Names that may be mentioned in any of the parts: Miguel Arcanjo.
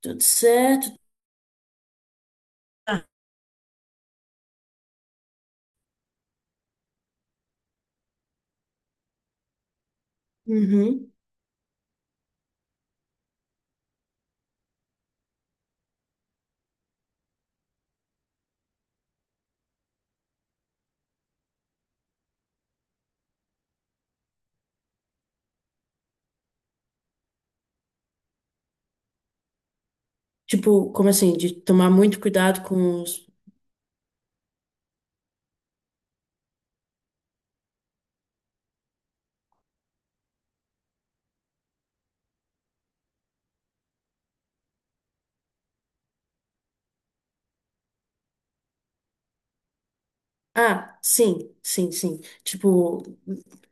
Tudo certo. Uhum. Tipo, como assim? De tomar muito cuidado com os. Ah, sim, sim, sim. Tipo,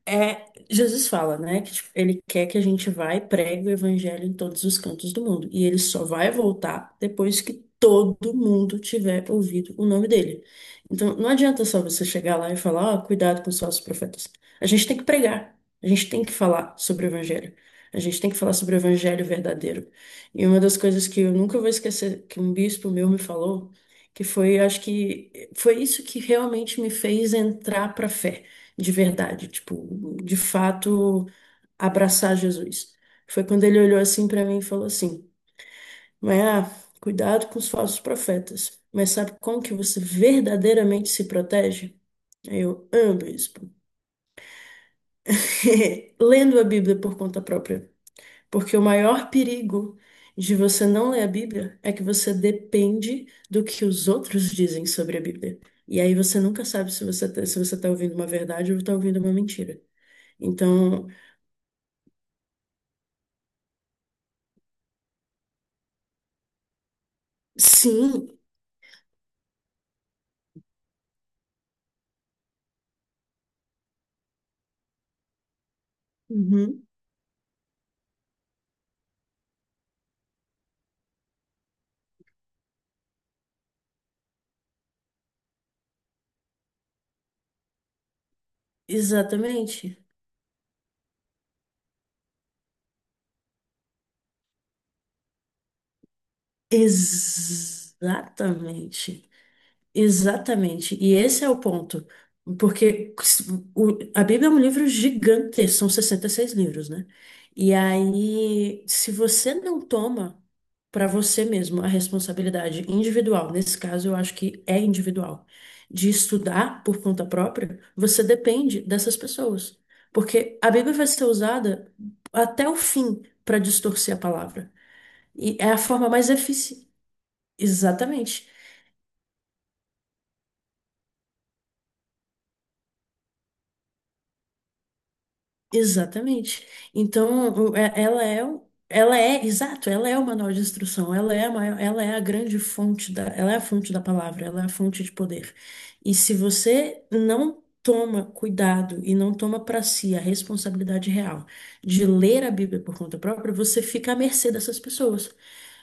Jesus fala, né, que tipo, ele quer que a gente vá e pregue o evangelho em todos os cantos do mundo. E ele só vai voltar depois que todo mundo tiver ouvido o nome dele. Então, não adianta só você chegar lá e falar, ó, cuidado com os falsos profetas. A gente tem que pregar. A gente tem que falar sobre o evangelho. A gente tem que falar sobre o evangelho verdadeiro. E uma das coisas que eu nunca vou esquecer que um bispo meu me falou que foi, acho que foi isso que realmente me fez entrar para a fé, de verdade, tipo, de fato, abraçar Jesus. Foi quando ele olhou assim para mim e falou assim: "Mas ah, cuidado com os falsos profetas. Mas sabe como que você verdadeiramente se protege?" Aí eu amo isso. Lendo a Bíblia por conta própria. Porque o maior perigo de você não ler a Bíblia é que você depende do que os outros dizem sobre a Bíblia. E aí você nunca sabe se você tá, se você está ouvindo uma verdade ou está ouvindo uma mentira. Então, sim, uhum, exatamente. Exatamente. Exatamente, e esse é o ponto, porque a Bíblia é um livro gigante, são 66 livros, né? E aí, se você não toma para você mesmo a responsabilidade individual, nesse caso eu acho que é individual, de estudar por conta própria, você depende dessas pessoas, porque a Bíblia vai ser usada até o fim para distorcer a palavra, e é a forma mais eficiente. Exatamente. Exatamente. Então, ela é, exato, ela é o manual de instrução, ela é a maior, ela é a grande fonte da, ela é a fonte da palavra, ela é a fonte de poder. E se você não toma cuidado e não toma para si a responsabilidade real de ler a Bíblia por conta própria, você fica à mercê dessas pessoas.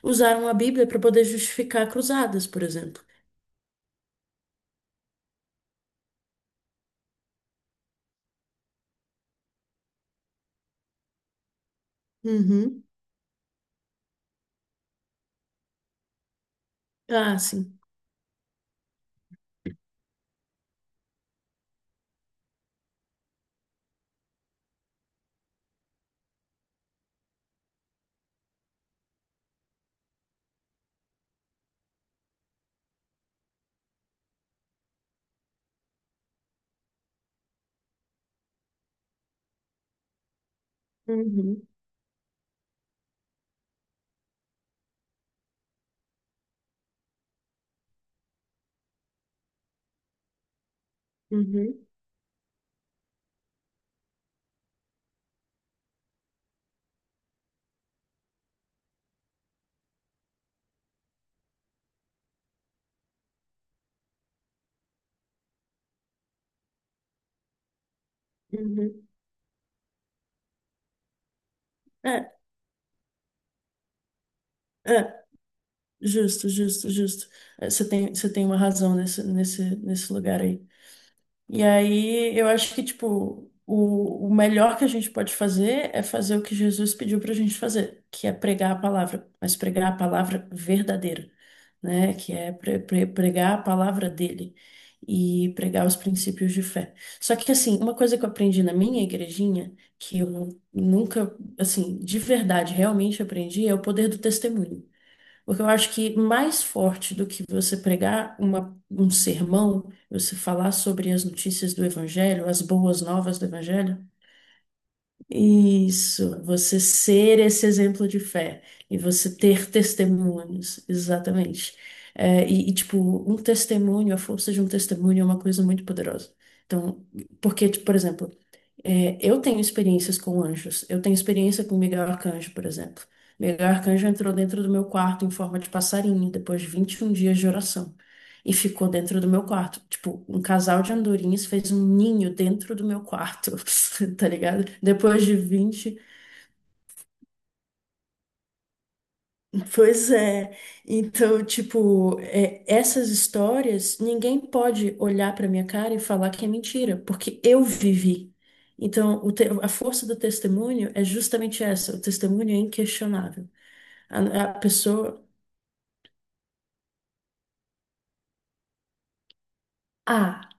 Usaram a Bíblia para poder justificar cruzadas, por exemplo. Uhum. Ah, sim. Uhum. Uhum. Uhum. É, é. Justo, justo, justo. Você tem uma razão nesse lugar aí. E aí, eu acho que, tipo, o melhor que a gente pode fazer é fazer o que Jesus pediu pra gente fazer, que é pregar a palavra, mas pregar a palavra verdadeira, né? Que é pregar a palavra dele e pregar os princípios de fé. Só que, assim, uma coisa que eu aprendi na minha igrejinha, que eu nunca, assim, de verdade, realmente aprendi, é o poder do testemunho. Porque eu acho que mais forte do que você pregar um sermão, você falar sobre as notícias do Evangelho, as boas novas do Evangelho, isso, você ser esse exemplo de fé e você ter testemunhos, exatamente. É, e, tipo, um testemunho, a força de um testemunho é uma coisa muito poderosa. Então, porque, tipo, por exemplo, eu tenho experiências com anjos. Eu tenho experiência com Miguel Arcanjo, por exemplo. Miguel Arcanjo entrou dentro do meu quarto em forma de passarinho, depois de 21 dias de oração. E ficou dentro do meu quarto. Tipo, um casal de andorinhas fez um ninho dentro do meu quarto, tá ligado? Depois de 20. Pois é. Então, tipo, essas histórias, ninguém pode olhar pra minha cara e falar que é mentira, porque eu vivi. Então, a força do testemunho é justamente essa, o testemunho é inquestionável. A pessoa. Ah!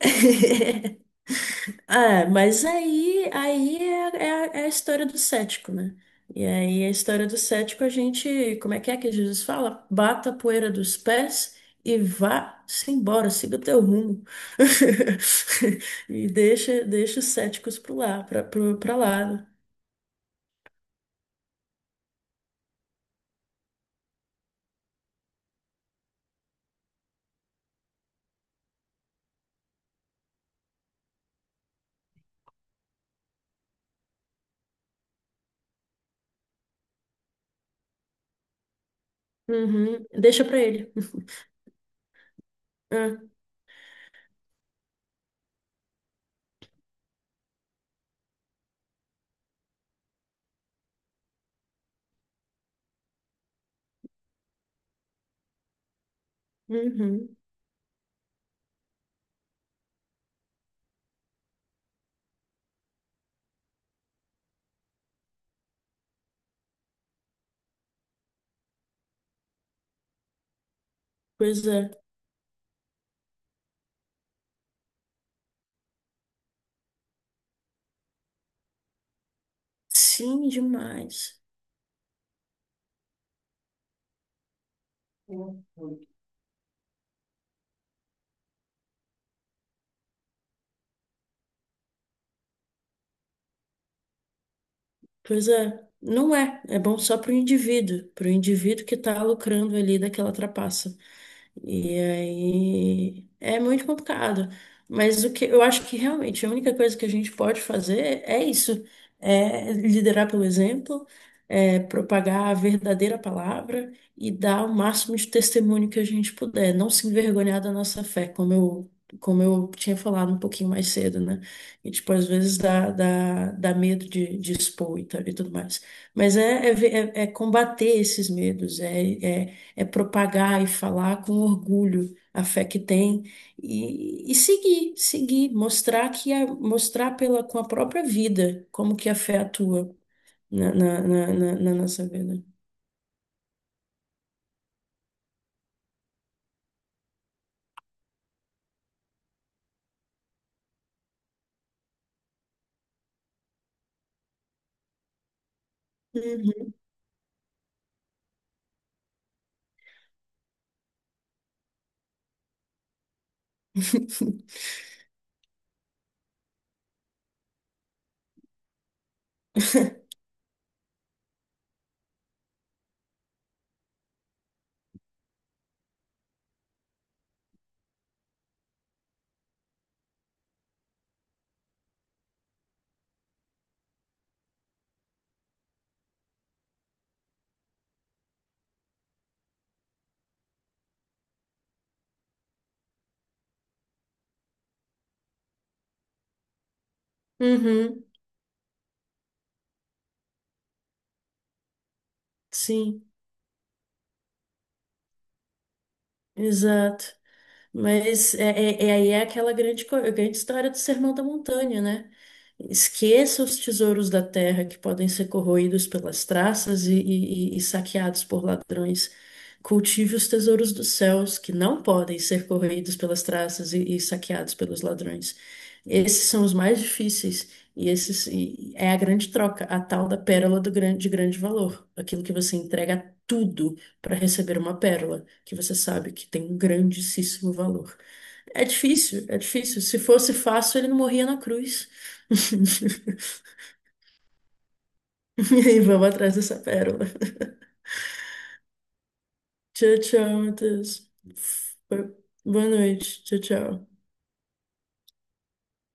Ah, mas aí é a história do cético, né? E aí a história do cético, a gente, como é que Jesus fala? Bata a poeira dos pés e vá-se embora, siga o teu rumo. E deixa os céticos pro lá, pra, pro, pra lá. Uhum, deixa pra ele. É, uhum, pois é. Sim, demais. Pois é, não é. É bom só para o indivíduo que está lucrando ali daquela trapaça. E aí é muito complicado. Mas o que eu acho que realmente a única coisa que a gente pode fazer é isso, é liderar pelo exemplo, é propagar a verdadeira palavra e dar o máximo de testemunho que a gente puder, não se envergonhar da nossa fé, como eu tinha falado um pouquinho mais cedo, né? E tipo, às vezes dá medo de expor e, tal, e tudo mais. Mas é combater esses medos, é propagar e falar com orgulho a fé que tem e, seguir, seguir, mostrar pela, com a própria vida como que a fé atua na nossa vida. Uhum. Uhum. Sim, exato. Mas aí é aquela grande história do Sermão da Montanha, né? Esqueça os tesouros da terra que podem ser corroídos pelas traças e, saqueados por ladrões. Cultive os tesouros dos céus que não podem ser corroídos pelas traças e saqueados pelos ladrões. Esses são os mais difíceis e é a grande troca, a tal da pérola de grande valor, aquilo que você entrega tudo para receber uma pérola que você sabe que tem um grandíssimo valor. É difícil, é difícil. Se fosse fácil, ele não morria na cruz. E aí, vamos atrás dessa pérola. Tchau, tchau, Matheus. Boa noite. Tchau, tchau.